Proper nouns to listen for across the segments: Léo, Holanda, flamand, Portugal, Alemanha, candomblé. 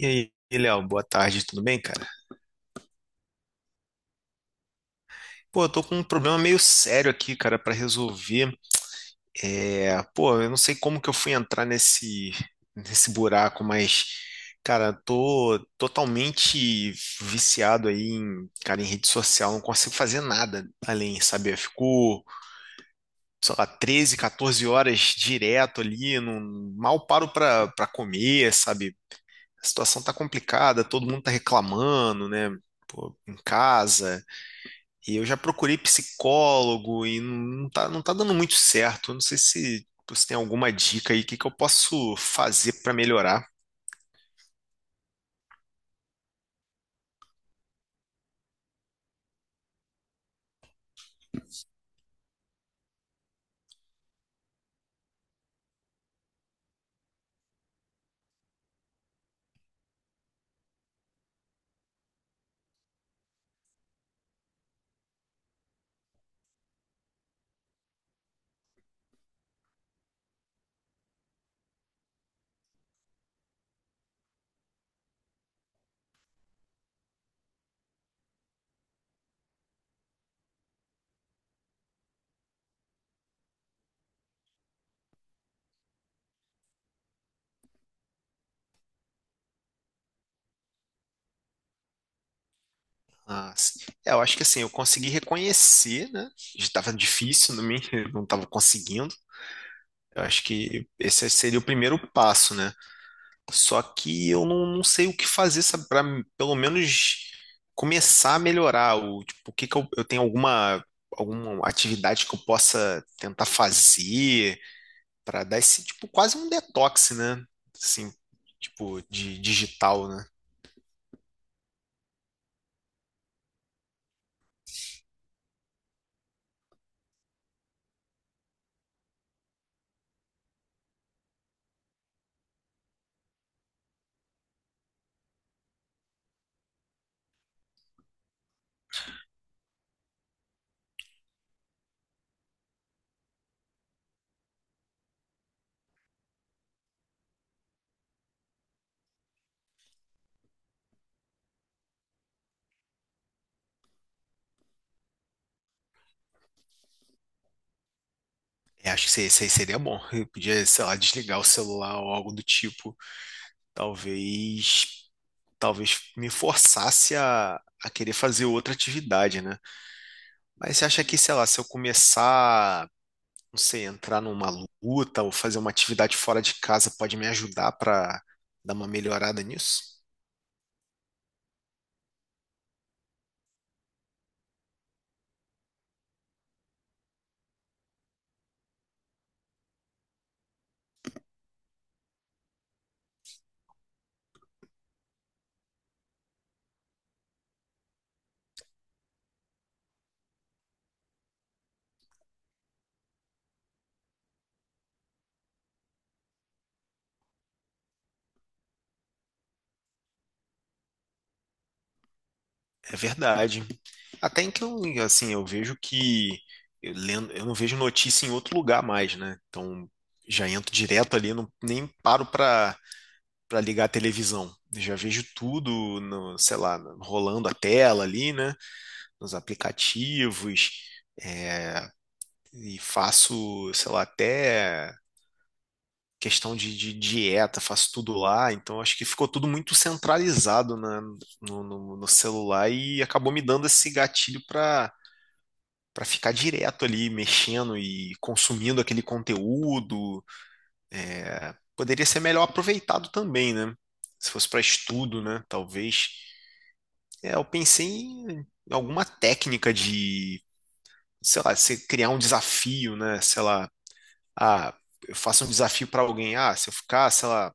E aí, Léo, boa tarde, tudo bem, cara? Pô, eu tô com um problema meio sério aqui, cara, pra resolver. É, pô, eu não sei como que eu fui entrar nesse buraco, mas cara, tô totalmente viciado aí em rede social, não consigo fazer nada além, sabe? Eu fico, sei lá, 13, 14 horas direto ali, não, mal paro pra para comer, sabe? A situação tá complicada, todo mundo tá reclamando, né? Pô, em casa, e eu já procurei psicólogo e não tá dando muito certo. Eu não sei se você tem alguma dica aí, o que que eu posso fazer para melhorar. Ah, é, eu acho que assim, eu consegui reconhecer, né? Estava difícil, não estava conseguindo. Eu acho que esse seria o primeiro passo, né? Só que eu não, não sei o que fazer, sabe, para pelo menos começar a melhorar. O, tipo, o que que eu tenho alguma, alguma atividade que eu possa tentar fazer? Para dar esse, tipo, quase um detox, né? Assim, tipo, de digital, né? Eu acho que isso aí seria bom. Eu podia, sei lá, desligar o celular ou algo do tipo. Talvez, talvez me forçasse a querer fazer outra atividade, né? Mas você acha que, sei lá, se eu começar, não sei, entrar numa luta ou fazer uma atividade fora de casa pode me ajudar para dar uma melhorada nisso? É verdade. Até então, assim, eu vejo que eu, eu não vejo notícia em outro lugar mais, né? Então já entro direto ali, não, nem paro para ligar a televisão. Eu já vejo tudo no, sei lá, rolando a tela ali, né? Nos aplicativos e faço, sei lá, até questão de dieta, faço tudo lá. Então acho que ficou tudo muito centralizado no, no celular e acabou me dando esse gatilho para ficar direto ali mexendo e consumindo aquele conteúdo. Poderia ser melhor aproveitado também, né? Se fosse para estudo, né? Talvez. É, eu pensei em alguma técnica de, sei lá, você criar um desafio, né? Sei lá, ah, eu faço um desafio para alguém, ah, se eu ficar, sei lá,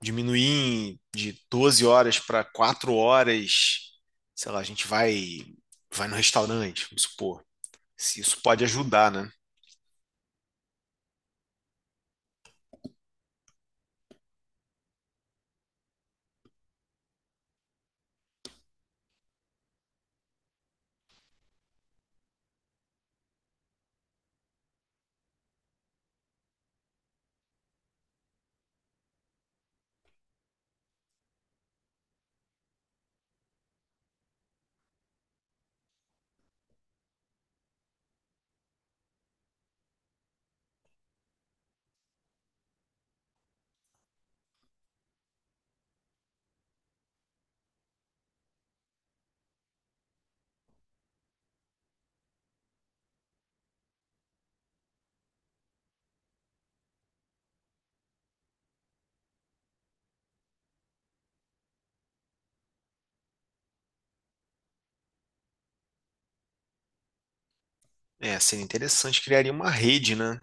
diminuir de 12 horas para 4 horas, sei lá, a gente vai no restaurante, vamos supor. Se isso pode ajudar, né? É, seria interessante, criaria uma rede, né,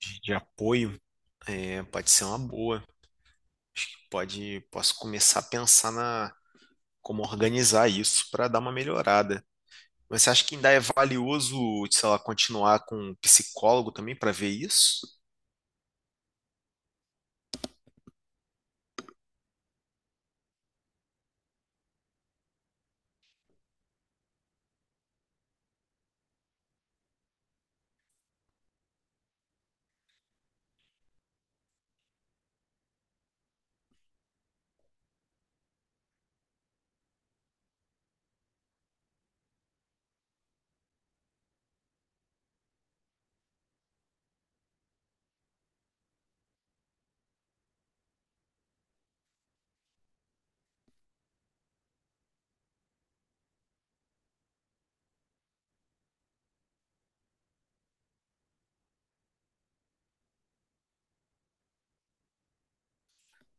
de apoio. É, pode ser uma boa. Pode, posso começar a pensar na como organizar isso para dar uma melhorada. Mas você acha que ainda é valioso, sei lá, continuar com um psicólogo também para ver isso?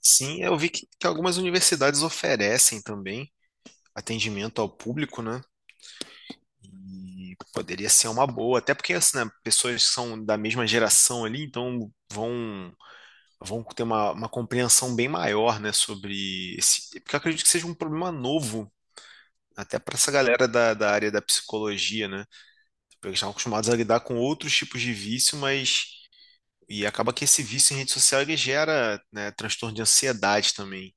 Sim, eu vi que algumas universidades oferecem também atendimento ao público, né? E poderia ser uma boa, até porque assim, né, pessoas que são da mesma geração ali, então vão ter uma compreensão bem maior, né, sobre esse, porque eu acredito que seja um problema novo, até para essa galera da área da psicologia, né? Porque eles estão acostumados a lidar com outros tipos de vício, mas e acaba que esse vício em rede social ele gera, né, transtorno de ansiedade também.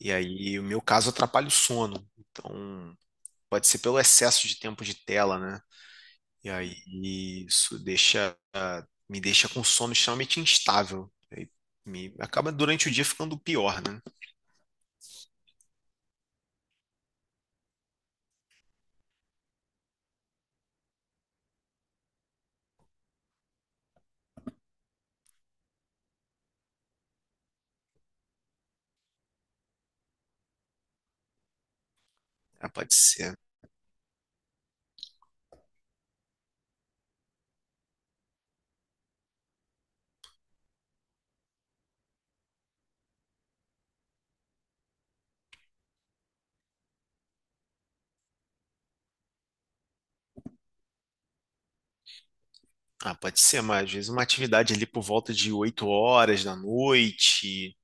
E aí, o meu caso atrapalha o sono. Então, pode ser pelo excesso de tempo de tela, né? E aí isso deixa me deixa com sono extremamente instável. E aí, me acaba durante o dia ficando pior, né? Ah, pode ser. Ah, pode ser, mas às vezes uma atividade ali por volta de 8 horas da noite,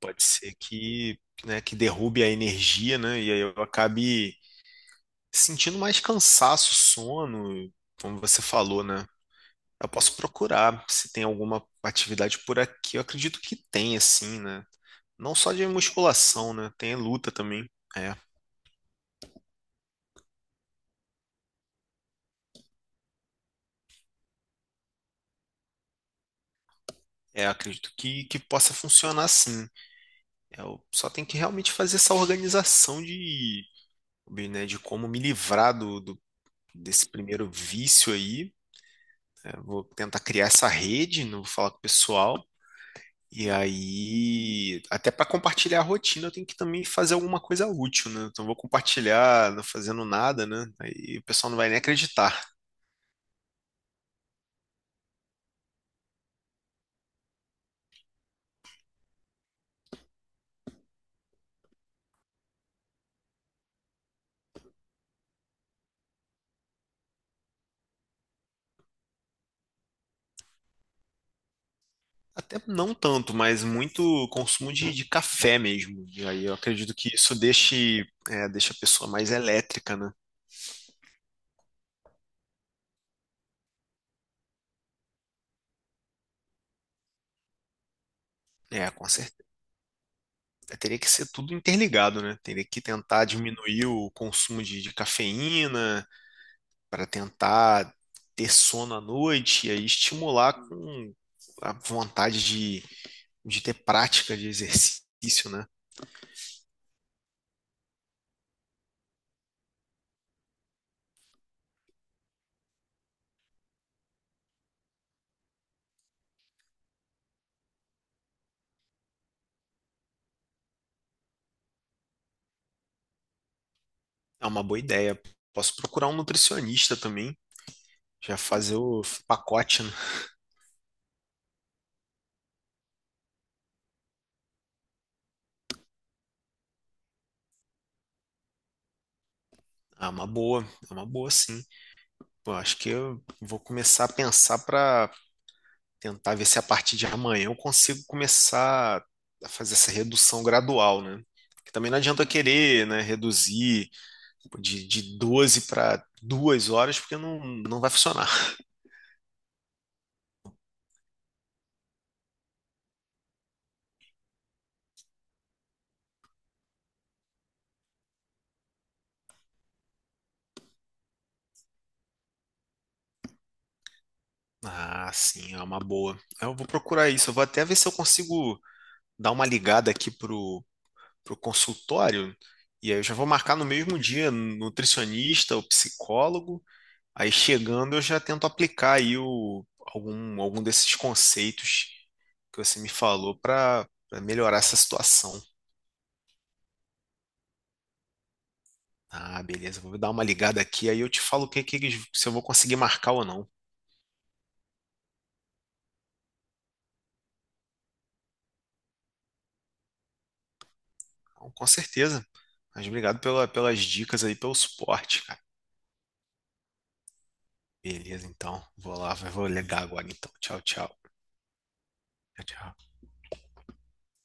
pode ser que, né, que derrube a energia, né? E aí eu acabe sentindo mais cansaço, sono, como você falou, né? Eu posso procurar se tem alguma atividade por aqui. Eu acredito que tem, assim, né? Não só de musculação, né? Tem luta também. É, é, acredito que possa funcionar sim. Eu só tenho que realmente fazer essa organização de bem, né, de como me livrar do desse primeiro vício aí. Né? Vou tentar criar essa rede, não vou falar com o pessoal. E aí, até para compartilhar a rotina, eu tenho que também fazer alguma coisa útil, né? Então, eu vou compartilhar não fazendo nada, né? Aí o pessoal não vai nem acreditar. Até não tanto, mas muito consumo de café mesmo. E aí, eu acredito que isso deixe, é, deixa a pessoa mais elétrica, né? É, com é, teria que ser tudo interligado, né? Teria que tentar diminuir o consumo de cafeína para tentar ter sono à noite e aí estimular com a vontade de ter prática de exercício, né? É uma boa ideia. Posso procurar um nutricionista também, já fazer o pacote, né? É uma boa, é uma boa sim. Pô, acho que eu vou começar a pensar para tentar ver se a partir de amanhã eu consigo começar a fazer essa redução gradual, né? Porque também não adianta eu querer, né, reduzir de 12 para duas horas, porque não, não vai funcionar. Ah, sim, é uma boa. Eu vou procurar isso. Eu vou até ver se eu consigo dar uma ligada aqui pro consultório. E aí eu já vou marcar no mesmo dia nutricionista ou psicólogo. Aí chegando, eu já tento aplicar aí o, algum desses conceitos que você me falou para melhorar essa situação. Ah, beleza, vou dar uma ligada aqui, aí eu te falo o que se eu vou conseguir marcar ou não. Então, com certeza. Mas obrigado pela, pelas dicas aí, pelo suporte, cara. Beleza, então. Vou lá, vou ligar agora então. Tchau, tchau. Tchau, tchau.